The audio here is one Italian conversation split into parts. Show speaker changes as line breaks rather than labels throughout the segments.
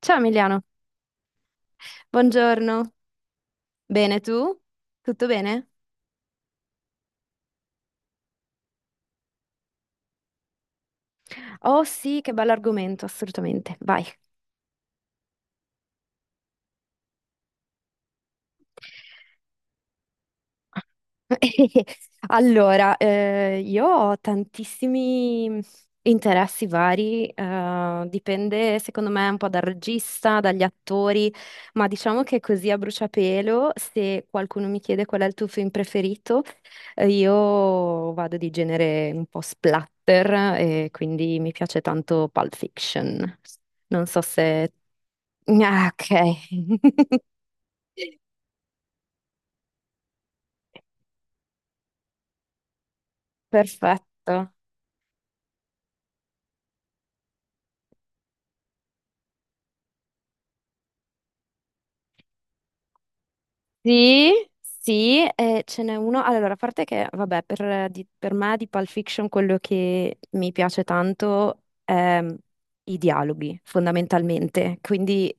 Ciao Emiliano, buongiorno. Bene tu? Tutto bene? Oh sì, che bello argomento, assolutamente. Vai. Allora, io ho tantissimi interessi vari, dipende secondo me un po' dal regista, dagli attori, ma diciamo che così a bruciapelo, se qualcuno mi chiede qual è il tuo film preferito, io vado di genere un po' splatter e quindi mi piace tanto Pulp Fiction. Non so se. Ah, ok, perfetto. Sì, sì, ce n'è uno. Allora, a parte che, vabbè, per me di Pulp Fiction quello che mi piace tanto è i dialoghi, fondamentalmente. Quindi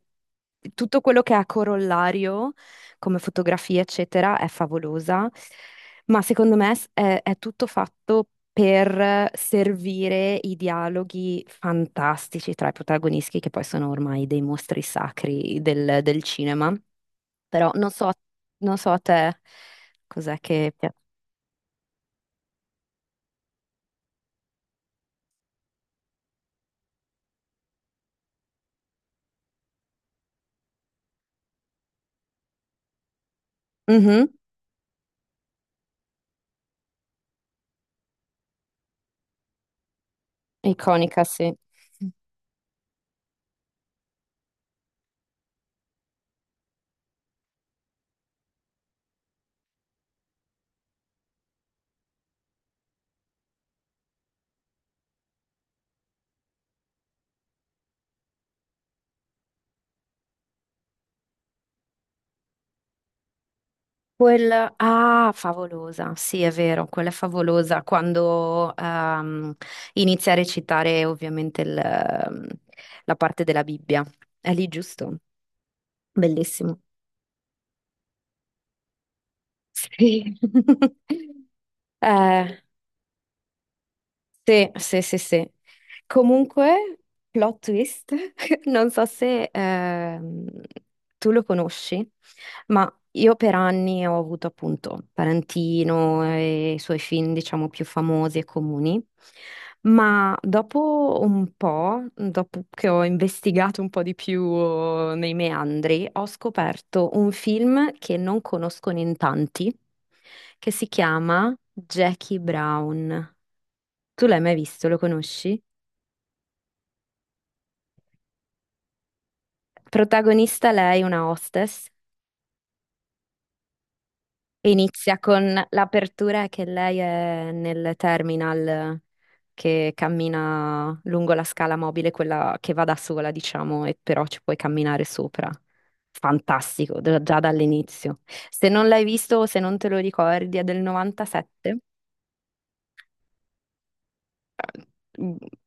tutto quello che ha corollario, come fotografia, eccetera, è favolosa. Ma secondo me è tutto fatto per servire i dialoghi fantastici tra i protagonisti, che poi sono ormai dei mostri sacri del cinema. Però non so a te cos'è che piace. Mhm, iconica, sì. Quella, ah, favolosa, sì, è vero, quella è favolosa quando inizia a recitare ovviamente la parte della Bibbia. È lì, giusto? Bellissimo. Sì. Eh, Sì, sì, sì, sì. Comunque, plot twist, non so se tu lo conosci, ma io per anni ho avuto appunto Tarantino e i suoi film, diciamo, più famosi e comuni, ma dopo un po', dopo che ho investigato un po' di più oh, nei meandri, ho scoperto un film che non conoscono in tanti, che si chiama Jackie Brown. Tu l'hai mai visto, lo conosci? Protagonista lei, una hostess, e inizia con l'apertura che lei è nel terminal che cammina lungo la scala mobile, quella che va da sola, diciamo, e però ci puoi camminare sopra. Fantastico, già dall'inizio. Se non l'hai visto o se non te lo ricordi, è del 97.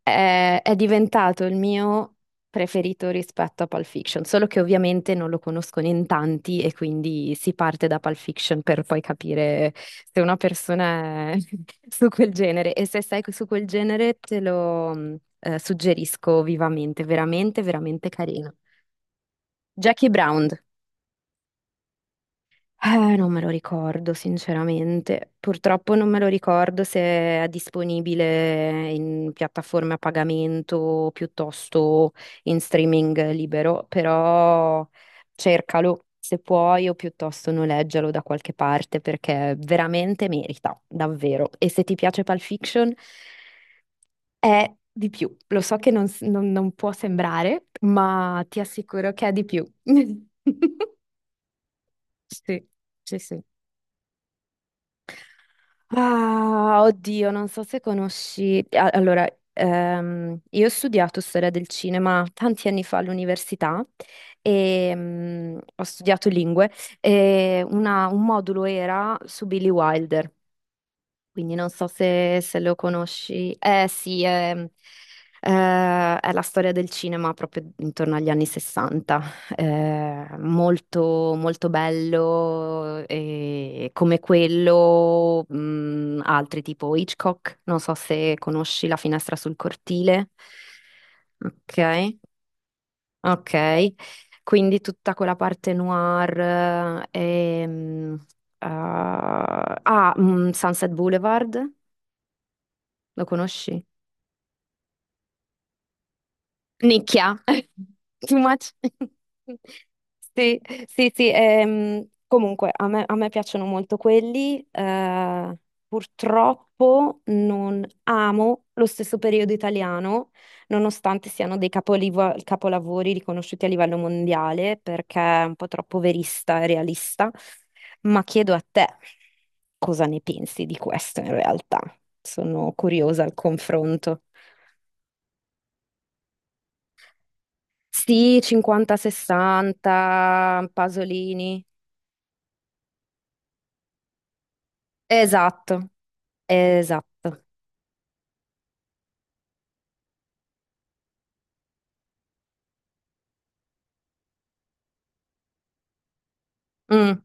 È diventato il mio preferito rispetto a Pulp Fiction, solo che ovviamente non lo conoscono in tanti e quindi si parte da Pulp Fiction per poi capire se una persona è su quel genere e se sei su quel genere te lo suggerisco vivamente, veramente, veramente carino. Jackie Brown. Non me lo ricordo, sinceramente. Purtroppo non me lo ricordo se è disponibile in piattaforme a pagamento piuttosto in streaming libero, però cercalo se puoi o piuttosto noleggialo da qualche parte perché veramente merita, davvero. E se ti piace Pulp Fiction è di più. Lo so che non s- non- non può sembrare, ma ti assicuro che è di più. Sì, sì, sì. Ah, oddio, non so se conosci. Allora, io ho studiato storia del cinema tanti anni fa all'università e ho studiato lingue e un modulo era su Billy Wilder. Quindi non so se lo conosci. Eh sì, è la storia del cinema proprio intorno agli anni 60. Molto, molto bello, e come quello, altri tipo Hitchcock. Non so se conosci La finestra sul cortile. Ok, ok. Quindi tutta quella parte noir. Sunset Boulevard. Lo conosci? Nicchia. Too much. Sì, sì, sì. Comunque, a me piacciono molto quelli. Purtroppo non amo lo stesso periodo italiano, nonostante siano dei capolavori riconosciuti a livello mondiale, perché è un po' troppo verista e realista. Ma chiedo a te, cosa ne pensi di questo in realtà? Sono curiosa al confronto. Sì, 50-60, Pasolini. Esatto, esatto. Mm,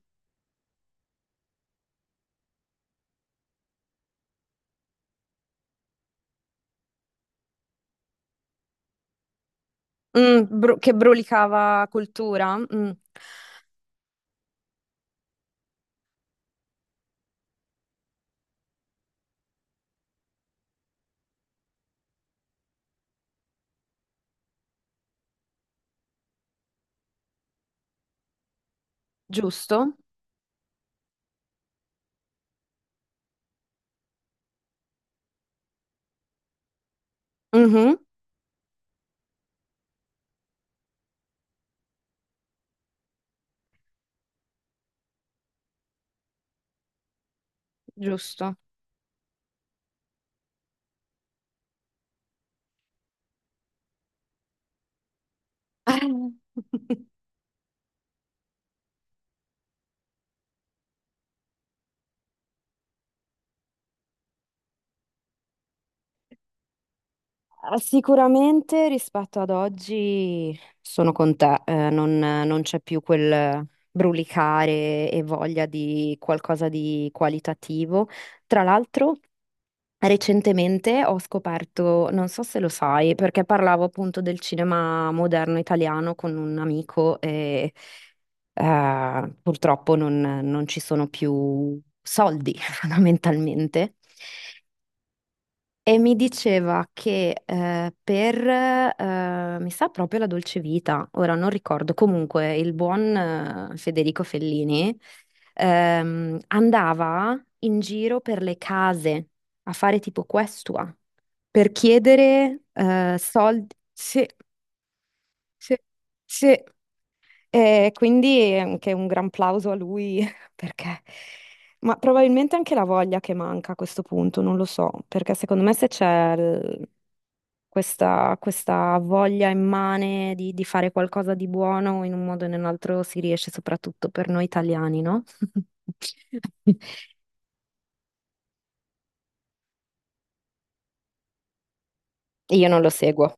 mm, che brulicava cultura. Mm. Giusto? Mhm, giusto. Ah, sicuramente rispetto ad oggi sono con te, non c'è più quel brulicare e voglia di qualcosa di qualitativo. Tra l'altro, recentemente ho scoperto, non so se lo sai, perché parlavo appunto del cinema moderno italiano con un amico e purtroppo non ci sono più soldi fondamentalmente. E mi diceva che mi sa proprio La Dolce Vita, ora non ricordo, comunque il buon Federico Fellini andava in giro per le case a fare tipo questua per chiedere soldi. Sì, sì, sì. E quindi anche un gran plauso a lui perché, ma probabilmente anche la voglia che manca a questo punto, non lo so, perché secondo me se c'è questa voglia immane di fare qualcosa di buono in un modo o in un altro si riesce soprattutto per noi italiani, no? Io non lo seguo.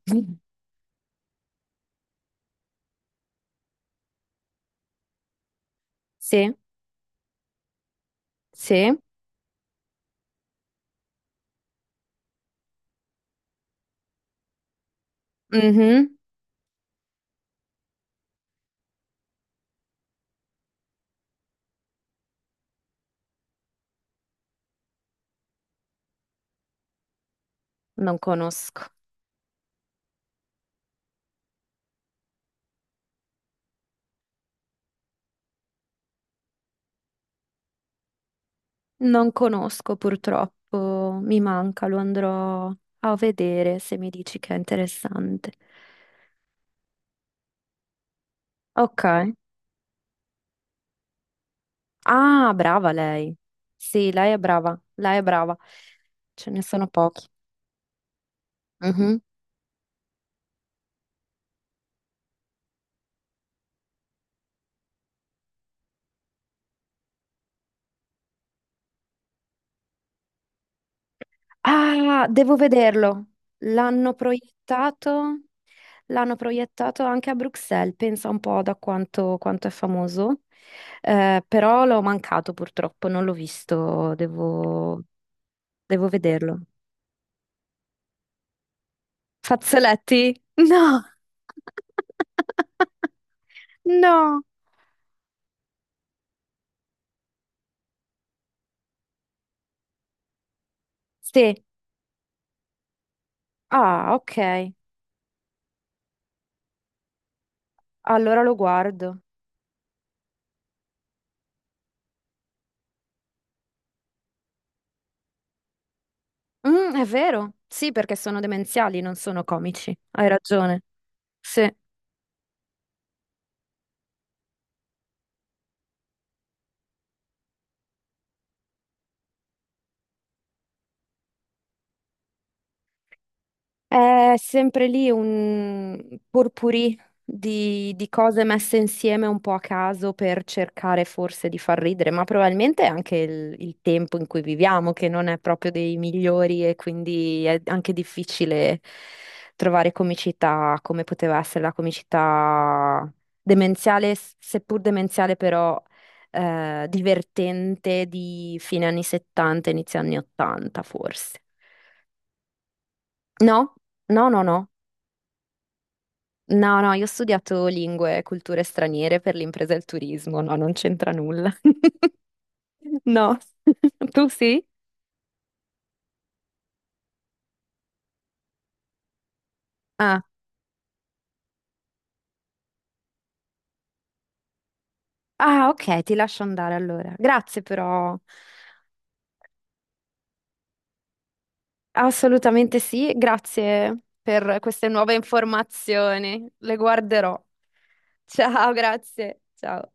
Sì, sì, mhm. Non conosco. Non conosco purtroppo, mi manca, lo andrò a vedere se mi dici che è interessante. Ok. Ah, brava lei. Sì, lei è brava, lei è brava. Ce ne sono pochi. Mhm. Ah, devo vederlo. L'hanno proiettato, l'hanno proiettato anche a Bruxelles, pensa un po' da quanto, quanto è famoso. Però l'ho mancato purtroppo, non l'ho visto, devo vederlo. Fazzoletti? No, no. Sì. Ah, ok. Allora lo guardo. Mm, è vero. Sì, perché sono demenziali, non sono comici. Hai ragione. Sì. È sempre lì un purpurì di cose messe insieme un po' a caso per cercare forse di far ridere, ma probabilmente è anche il tempo in cui viviamo, che non è proprio dei migliori e quindi è anche difficile trovare comicità come poteva essere la comicità demenziale, seppur demenziale però divertente di fine anni 70, inizio anni 80 forse. No? No, no, no. No, no, io ho studiato lingue e culture straniere per l'impresa e il turismo, no, non c'entra nulla. No, tu sì? Ah. Ah, ok, ti lascio andare allora. Grazie però. Assolutamente sì, grazie per queste nuove informazioni. Le guarderò. Ciao, grazie. Ciao.